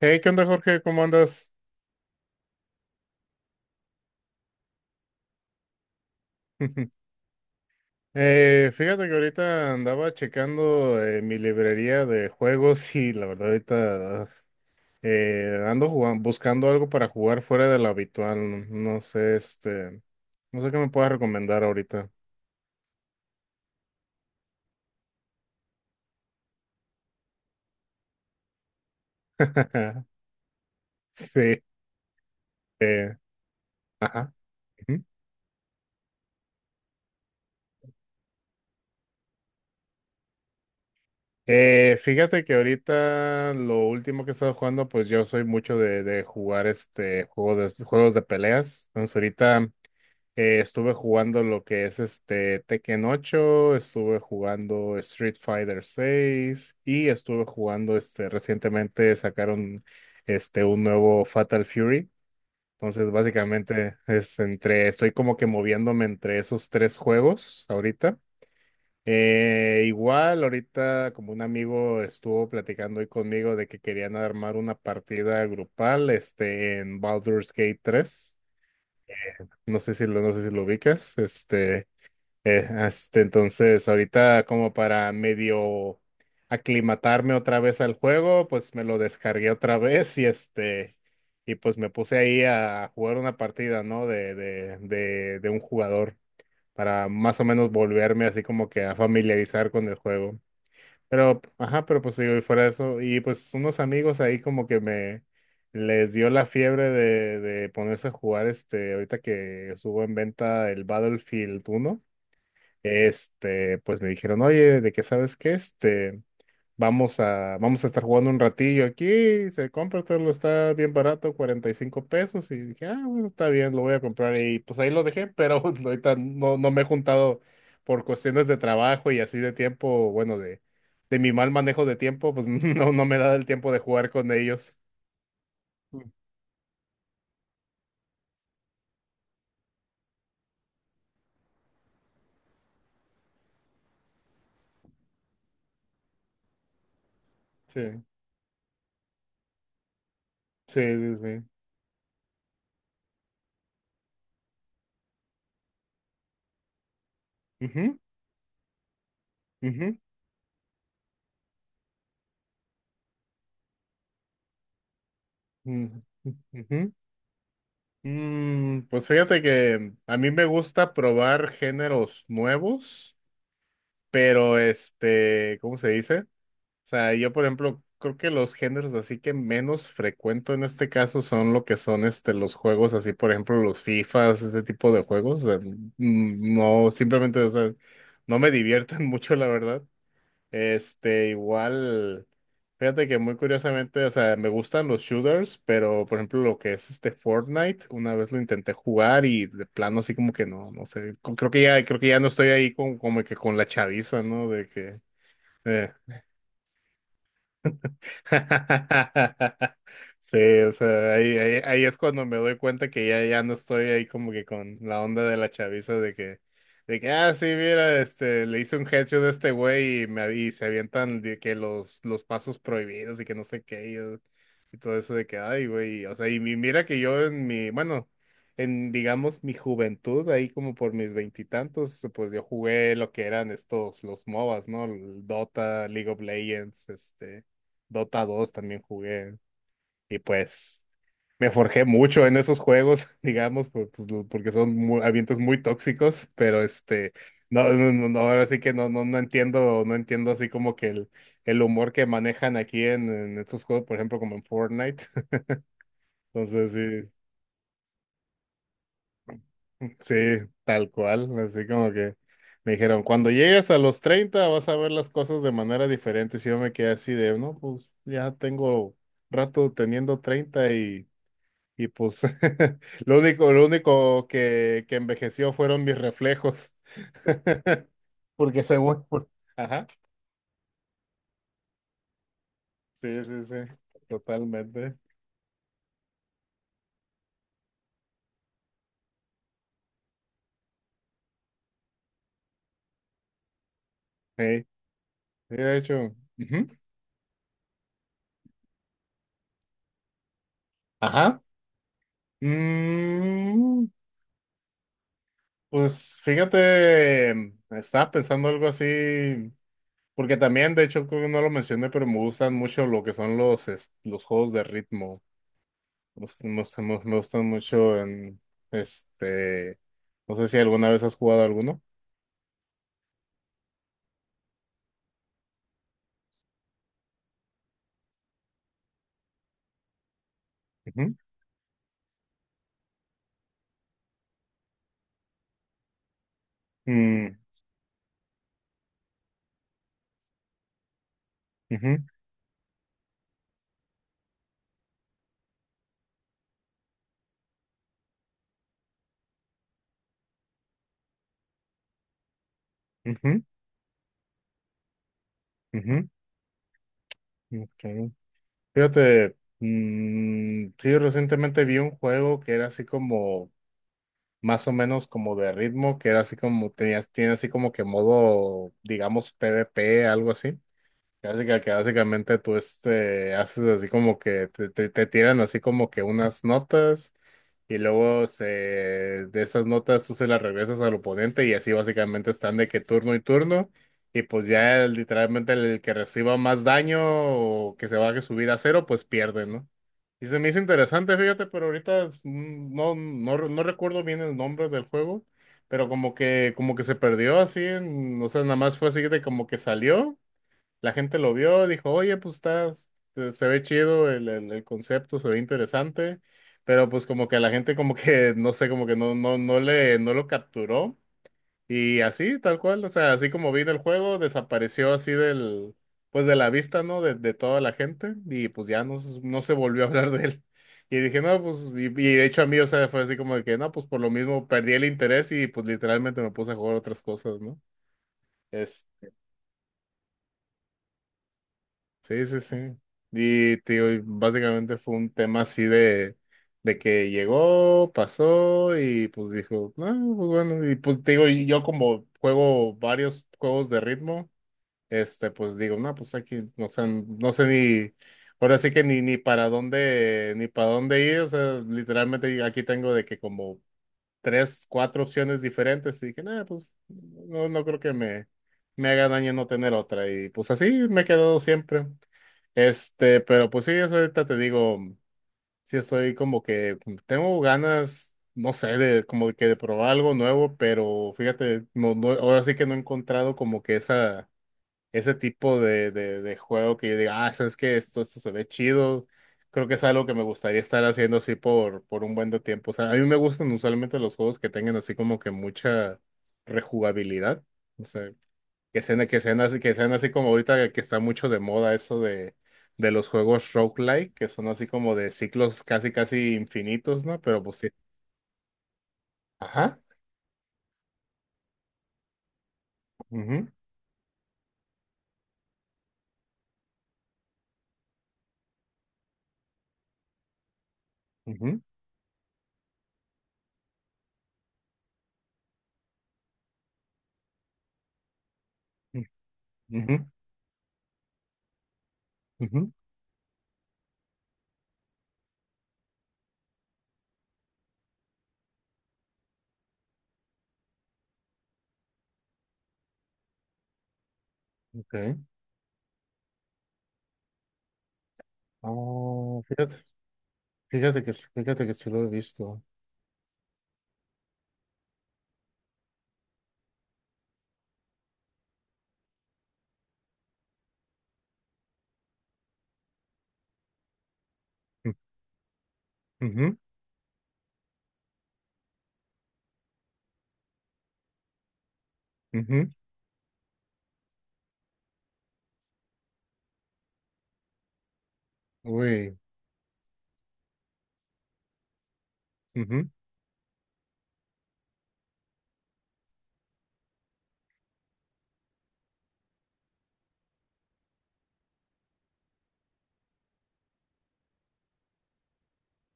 Hey, ¿qué onda, Jorge? ¿Cómo andas? Fíjate que ahorita andaba checando mi librería de juegos, y la verdad ahorita buscando algo para jugar fuera de lo habitual. No sé, no sé qué me puedas recomendar ahorita. Sí, eh, ajá. Ujú. Fíjate que ahorita lo último que he estado jugando, pues yo soy mucho de jugar juegos de peleas. Entonces, ahorita estuve jugando lo que es Tekken 8, estuve jugando Street Fighter 6, y estuve jugando, recientemente sacaron, un nuevo Fatal Fury. Entonces, básicamente es entre, estoy como que moviéndome entre esos tres juegos ahorita. Igual ahorita, como un amigo estuvo platicando hoy conmigo de que querían armar una partida grupal, en Baldur's Gate 3. No sé si lo ubicas. Entonces, ahorita, como para medio aclimatarme otra vez al juego, pues me lo descargué otra vez, y y pues me puse ahí a jugar una partida, ¿no? De un jugador, para más o menos volverme así como que a familiarizar con el juego. Pero, ajá, pues digo, y fuera de eso, y pues unos amigos ahí como que me les dio la fiebre de ponerse a jugar, ahorita que estuvo en venta el Battlefield 1, pues me dijeron, oye, ¿de qué sabes qué? Vamos a estar jugando un ratillo aquí, se compra, todo lo está bien barato, 45 pesos. Y dije, ah, bueno, está bien, lo voy a comprar, y pues ahí lo dejé. Pero ahorita no me he juntado, por cuestiones de trabajo y así de tiempo, bueno, de mi mal manejo de tiempo. Pues no me da el tiempo de jugar con ellos. Mm. Sí, sí, sí, sí. Ujú, ujú, ujú, ujú. Pues fíjate que a mí me gusta probar géneros nuevos, pero ¿cómo se dice? O sea, yo por ejemplo, creo que los géneros así que menos frecuento en este caso son lo que son, los juegos así, por ejemplo, los FIFAs, ese tipo de juegos. O sea, no, simplemente, o sea, no me divierten mucho, la verdad. Igual, fíjate que muy curiosamente, o sea, me gustan los shooters, pero por ejemplo lo que es, Fortnite, una vez lo intenté jugar, y de plano así como que no, no sé, creo que ya no estoy ahí con, como que con la chaviza, ¿no? De que, eh, sí, o sea, ahí es cuando me doy cuenta que ya, no estoy ahí, como que con la onda de la chaviza, de que, ah, sí, mira, le hice un headshot a este güey, y se avientan de que los pasos prohibidos, y que no sé qué, y todo eso de que, ay, güey. O sea, y mira que yo bueno, en, digamos, mi juventud, ahí como por mis veintitantos, pues yo jugué lo que eran estos, los MOBAs, ¿no? El Dota, League of Legends, Dota 2 también jugué. Y pues me forjé mucho en esos juegos, digamos, pues, porque son ambientes muy tóxicos. Pero no, no, no, no, ahora sí que no, no, no entiendo así como que el humor que manejan aquí, en estos juegos, por ejemplo, como en Fortnite. Entonces, sí, sí, tal cual, así como que me dijeron, cuando llegues a los 30 vas a ver las cosas de manera diferente. Si yo me quedé así de, no, pues ya tengo rato teniendo 30. Y pues lo único que envejeció fueron mis reflejos. Porque según. Ajá. Sí, sí, sí. Totalmente. Hey, de hecho. Ujú. Ajá. Mm, pues fíjate, estaba pensando algo así. Porque también, de hecho, creo que no lo mencioné, pero me gustan mucho lo que son los juegos de ritmo. Me gustan mucho en este. No sé si alguna vez has jugado alguno. Ujú, mm, ujú, ujú, ujú, ok. Fíjate, sí, recientemente vi un juego que era así como, más o menos como de ritmo, que era así como, tiene así como que modo, digamos, PvP, algo así. Que básicamente tú, haces así como que te tiran así como que unas notas, y luego de esas notas tú se las regresas al oponente, y así básicamente están de que turno y turno, y pues ya literalmente el que reciba más daño, o que se baje su vida a cero, pues pierde, ¿no? Y se me hizo interesante, fíjate, pero ahorita, no, no recuerdo bien el nombre del juego. Pero como que, se perdió así, o sea, nada más fue así de como que salió, la gente lo vio, dijo, oye, pues está, se ve chido el, concepto, se ve interesante, pero pues como que la gente como que, no sé, como que no lo capturó. Y así, tal cual, o sea, así como vino el juego, desapareció así del, pues de la vista, ¿no? De toda la gente, y pues ya no, no se volvió a hablar de él. Y dije, no, pues, y de hecho a mí, o sea, fue así como de que, no, pues por lo mismo perdí el interés, y pues literalmente me puse a jugar otras cosas, ¿no? Sí, sí, sí. Y tío, y básicamente fue un tema así de que llegó, pasó, y pues dijo, ah, pues bueno, y pues te digo, y yo como juego varios juegos de ritmo, pues digo, no, pues aquí, no sé ni, ahora sí que ni para dónde ir. O sea, literalmente aquí tengo de que como tres, cuatro opciones diferentes, y dije, nada, pues no creo que me haga daño no tener otra. Y pues así me he quedado siempre. Pero pues sí, eso ahorita te digo, sí estoy como que tengo ganas, no sé, de como que de probar algo nuevo, pero fíjate, no, no, ahora sí que no he encontrado como que esa ese tipo de juego que yo diga, ah, sabes que esto se ve chido. Creo que es algo que me gustaría estar haciendo así por un buen de tiempo. O sea, a mí me gustan usualmente los juegos que tengan así como que mucha rejugabilidad. O sea, que sean así como ahorita que está mucho de moda eso de los juegos roguelike, que son así como de ciclos casi casi infinitos, ¿no? Pero pues sí. Ajá. Ujú, ujú, ujú, ujú, ujú. Ok. Oh, fíjate. Fíjate que se lo he visto. Mm, ujú, ujú. Uy, ujú,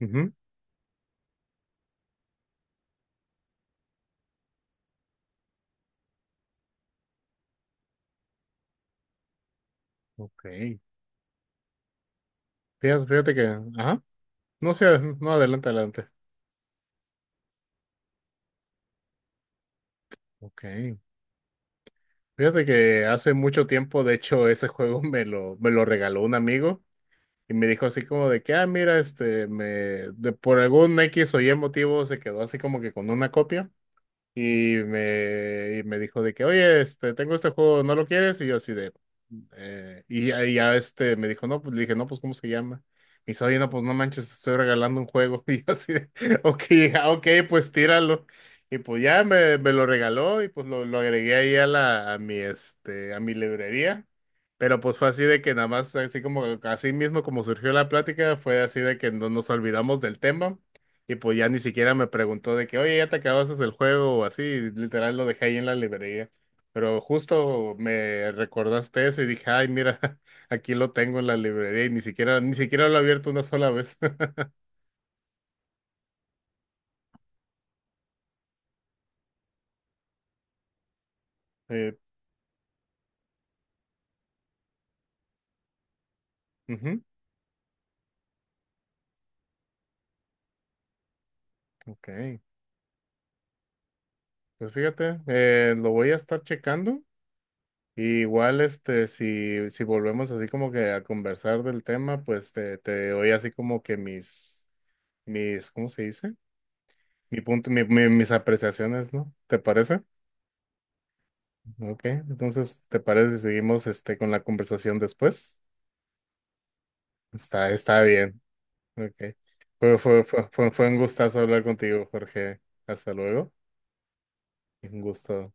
ujú. Ok. Fíjate que, ajá, no sé, no, adelante, adelante. Ok. Fíjate que hace mucho tiempo, de hecho, ese juego me lo regaló un amigo, y me dijo así como de que, ah, mira, por algún X o Y motivo se quedó así como que con una copia. Y me dijo de que, oye, tengo este juego, ¿no lo quieres? Y yo así de, y ya, me dijo, no, pues, le dije, no, pues, ¿cómo se llama? Me dice, oye, no, pues, no manches, te estoy regalando un juego. Y yo así de, ok, ah, ok, pues, tíralo. Y pues ya me lo regaló, y pues lo agregué ahí a la, a mi, este, a mi librería. Pero pues fue así de que nada más, así mismo como surgió la plática, fue así de que no nos olvidamos del tema. Y pues ya ni siquiera me preguntó de que, oye, ya te acabaste el juego, o así, literal lo dejé ahí en la librería. Pero justo me recordaste eso, y dije, ay, mira, aquí lo tengo en la librería, y ni siquiera lo he abierto una sola vez. Eh, Ujú, ok. Pues fíjate, lo voy a estar checando. Y igual, si volvemos así como que a conversar del tema, pues te doy así como que mis, mis, ¿cómo se dice? Mi punto, mis apreciaciones, ¿no? ¿Te parece? Ok, entonces, ¿te parece si seguimos, con la conversación después? Está bien. Ok. Fue un gustazo hablar contigo, Jorge. Hasta luego. Un gusto.